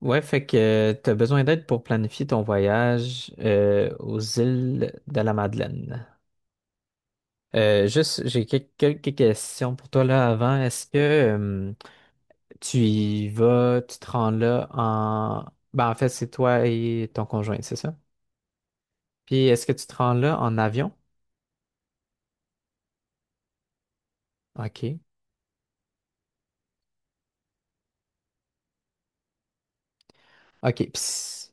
Ouais, fait que tu as besoin d'aide pour planifier ton voyage aux îles de la Madeleine. Juste, j'ai quelques questions pour toi là avant. Est-ce que tu y vas, tu te rends là en... Ben, en fait, c'est toi et ton conjoint, c'est ça? Puis est-ce que tu te rends là en avion? OK. OK. Puis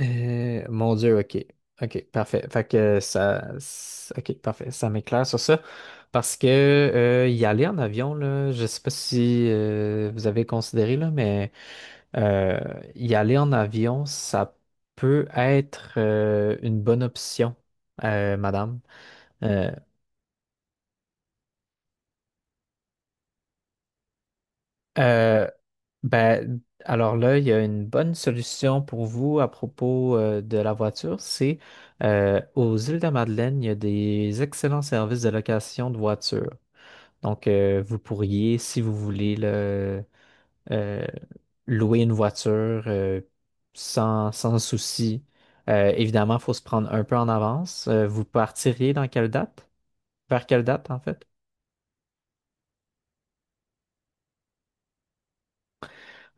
Mon Dieu, OK. OK, parfait. Fait que ça. OK, parfait. Ça m'éclaire sur ça. Parce que y aller en avion, là, je sais pas si vous avez considéré, là, mais euh, y aller en avion, ça peut être une bonne option, madame. Euh, Euh, ben, alors là, il y a une bonne solution pour vous à propos de la voiture. C'est aux îles de la Madeleine, il y a des excellents services de location de voitures. Donc, vous pourriez, si vous voulez, le, euh, louer une voiture sans souci. Évidemment, il faut se prendre un peu en avance. Vous partiriez dans quelle date? Vers quelle date, en fait?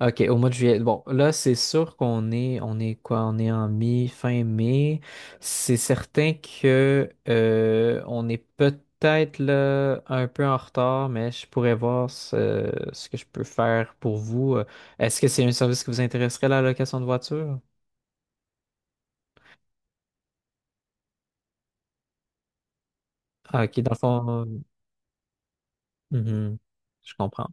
OK, au mois de juillet. Bon, là, c'est sûr qu'on est, on est quoi? On est en mi, fin mai. C'est certain que on est peut-être là un peu en retard, mais je pourrais voir ce, ce que je peux faire pour vous. Est-ce que c'est un service qui vous intéresserait, la location de voiture? Ah, OK, dans le fond, mhm, je comprends.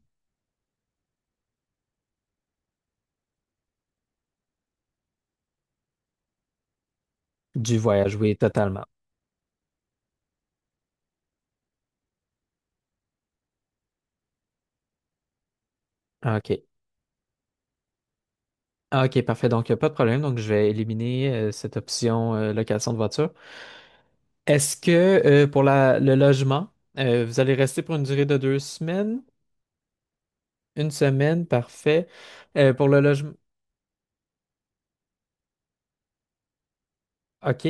Du voyage, oui, totalement. OK. Ah, OK, parfait. Donc, il n'y a pas de problème. Donc, je vais éliminer cette option location de voiture. Est-ce que pour le logement, vous allez rester pour une durée de 2 semaines? 1 semaine, parfait. Pour le logement, OK.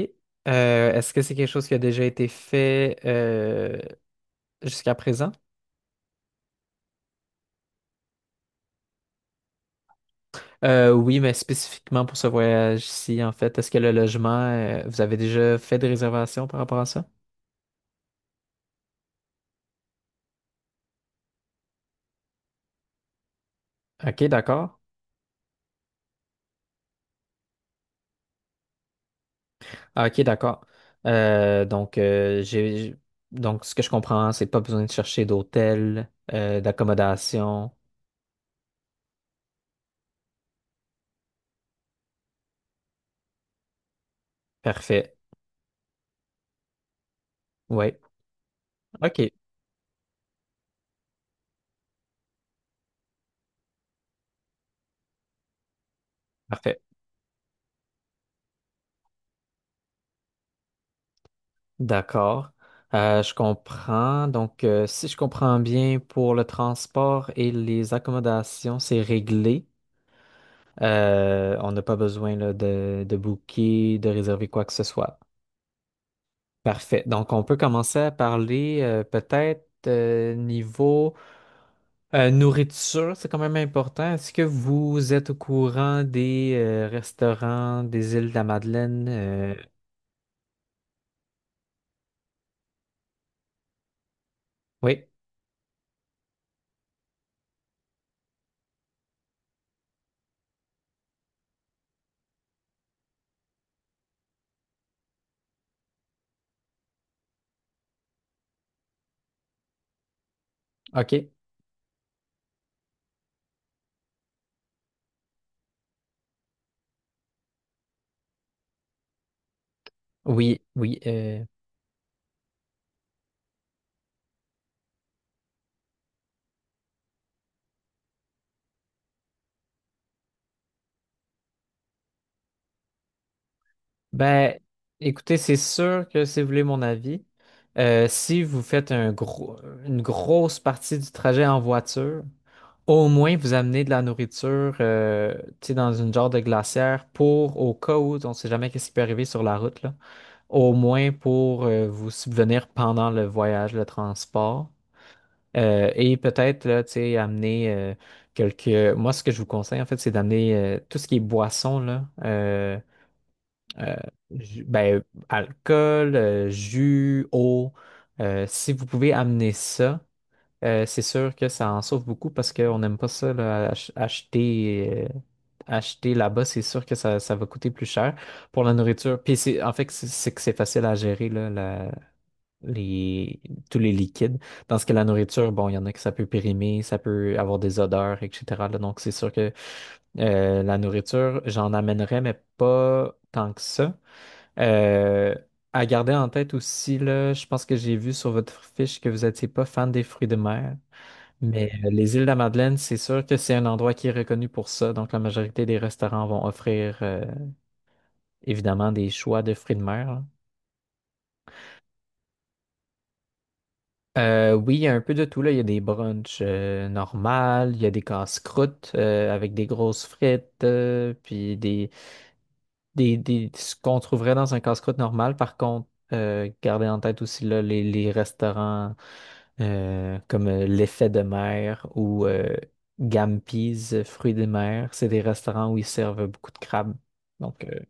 Est-ce que c'est quelque chose qui a déjà été fait jusqu'à présent? Oui, mais spécifiquement pour ce voyage-ci, en fait, est-ce que le logement, vous avez déjà fait des réservations par rapport à ça? OK, d'accord. Ah, OK, d'accord. Donc, donc, ce que je comprends, c'est pas besoin de chercher d'hôtel, d'accommodation. Parfait. Ouais, OK, parfait. D'accord. Je comprends. Donc, si je comprends bien, pour le transport et les accommodations, c'est réglé. On n'a pas besoin là, de booker, de réserver quoi que ce soit. Parfait. Donc, on peut commencer à parler peut-être niveau nourriture, c'est quand même important. Est-ce que vous êtes au courant des restaurants des îles de la Madeleine? Oui, OK. Oui, oui. Ben, écoutez, c'est sûr que si vous voulez mon avis, si vous faites une grosse partie du trajet en voiture, au moins vous amenez de la nourriture, tu sais, dans une genre de glacière pour, au cas où, on ne sait jamais qu'est-ce qui peut arriver sur la route, là, au moins pour vous subvenir pendant le voyage, le transport. Et peut-être, là, tu sais, amener quelques... Moi, ce que je vous conseille, en fait, c'est d'amener tout ce qui est boisson, là. Euh, ju- ben, alcool, jus, eau. Si vous pouvez amener ça, c'est sûr que ça en sauve beaucoup parce qu'on n'aime pas ça, là, acheter, acheter là-bas, c'est sûr que ça va coûter plus cher pour la nourriture. Puis c'est, en fait, c'est que c'est facile à gérer, là, les, tous les liquides. Dans ce que la nourriture, bon, il y en a que ça peut périmer, ça peut avoir des odeurs, etc. là. Donc c'est sûr que la nourriture, j'en amènerais, mais pas tant que ça. Euh, à garder en tête aussi, là, je pense que j'ai vu sur votre fiche que vous n'étiez pas fan des fruits de mer, mais les îles de la Madeleine, c'est sûr que c'est un endroit qui est reconnu pour ça. Donc, la majorité des restaurants vont offrir évidemment des choix de fruits de mer. Là. Oui, il y a un peu de tout, là. Il y a des brunchs normales, il y a des casse-croûtes avec des grosses frites, puis des, ce qu'on trouverait dans un casse-croûte normal. Par contre, gardez en tête aussi là, les restaurants. Comme l'effet de mer ou Gampi's, fruits des mers. C'est des restaurants où ils servent beaucoup de crabes. Donc,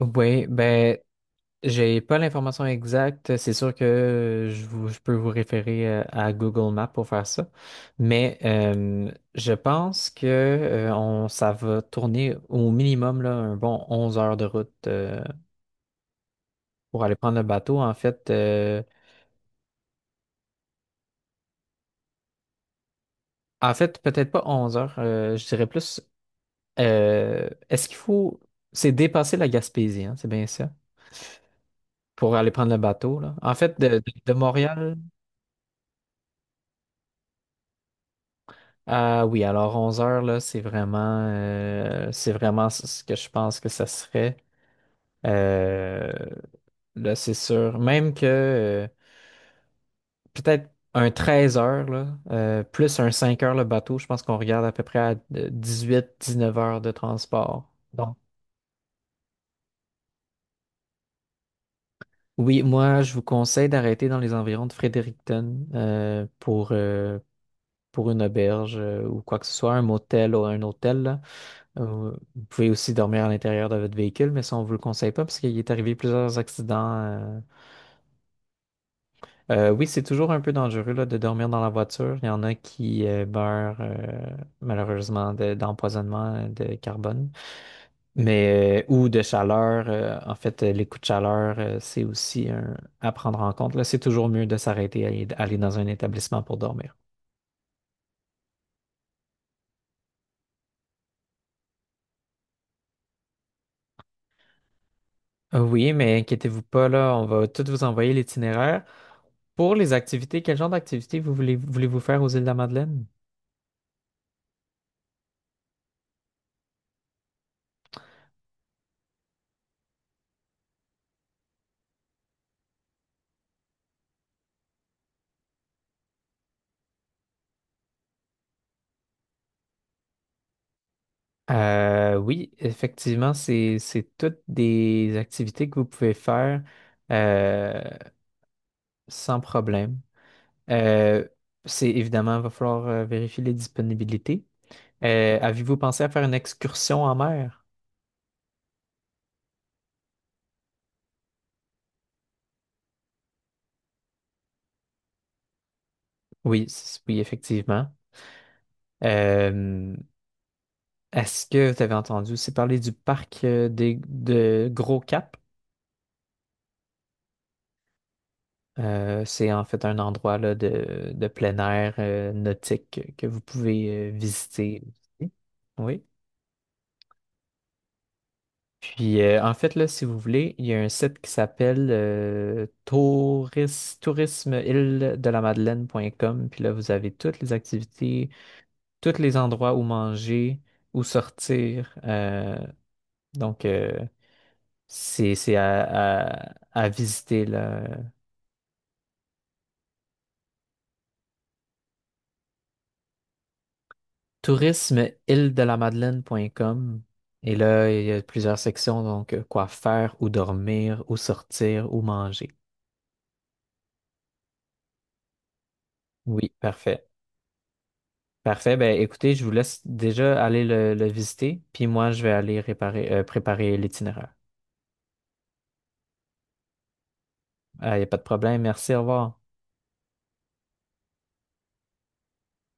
oui, ben, j'ai pas l'information exacte. C'est sûr que je peux vous référer à Google Maps pour faire ça. Mais je pense que on, ça va tourner au minimum là, un bon 11 heures de route pour aller prendre le bateau. En fait, peut-être pas 11 heures, je dirais plus. Est-ce qu'il faut... C'est dépasser la Gaspésie, hein, c'est bien ça, pour aller prendre le bateau, là. En fait, de Montréal à... Oui, alors 11 heures, là, c'est vraiment ce que je pense que ça serait. Euh, là, c'est sûr. Même que peut-être un 13 heures, là, plus un 5 heures le bateau, je pense qu'on regarde à peu près à 18 19 heures de transport. Donc, oui, moi, je vous conseille d'arrêter dans les environs de Fredericton pour une auberge ou quoi que ce soit, un motel ou un hôtel. Là. Vous pouvez aussi dormir à l'intérieur de votre véhicule, mais ça, on ne vous le conseille pas parce qu'il est arrivé plusieurs accidents. Oui, c'est toujours un peu dangereux là, de dormir dans la voiture. Il y en a qui meurent malheureusement d'empoisonnement de carbone, mais ou de chaleur. Les coups de chaleur, c'est aussi un- à prendre en compte. Là, c'est toujours mieux de s'arrêter et d'aller dans un établissement pour dormir. Oui, mais inquiétez-vous pas, là, on va tout vous envoyer l'itinéraire. Pour les activités, quel genre d'activités voulez-vous faire aux îles de la Madeleine? Oui, effectivement, c'est toutes des activités que vous pouvez faire euh, sans problème. Euh, c'est évidemment, il va falloir vérifier les disponibilités. Avez-vous pensé à faire une excursion en mer? Oui, oui, effectivement. Euh, est-ce que vous avez entendu aussi parler du parc de Gros Cap? C'est en fait un endroit là, de plein air nautique que vous pouvez visiter. Aussi. Oui. Puis en fait, là, si vous voulez, il y a un site qui s'appelle tourismeîle-de-la-Madeleine.com. Puis là, vous avez toutes les activités, tous les endroits où manger, où sortir. Donc, c'est à, à visiter là. tourisme-île-de-la-Madeleine.com. Et là, il y a plusieurs sections, donc quoi faire, où dormir, où sortir, où manger. Oui, parfait. Parfait. Ben, écoutez, je vous laisse déjà aller le visiter, puis moi, je vais aller préparer l'itinéraire. Ah, il n'y a pas de problème. Merci, au revoir.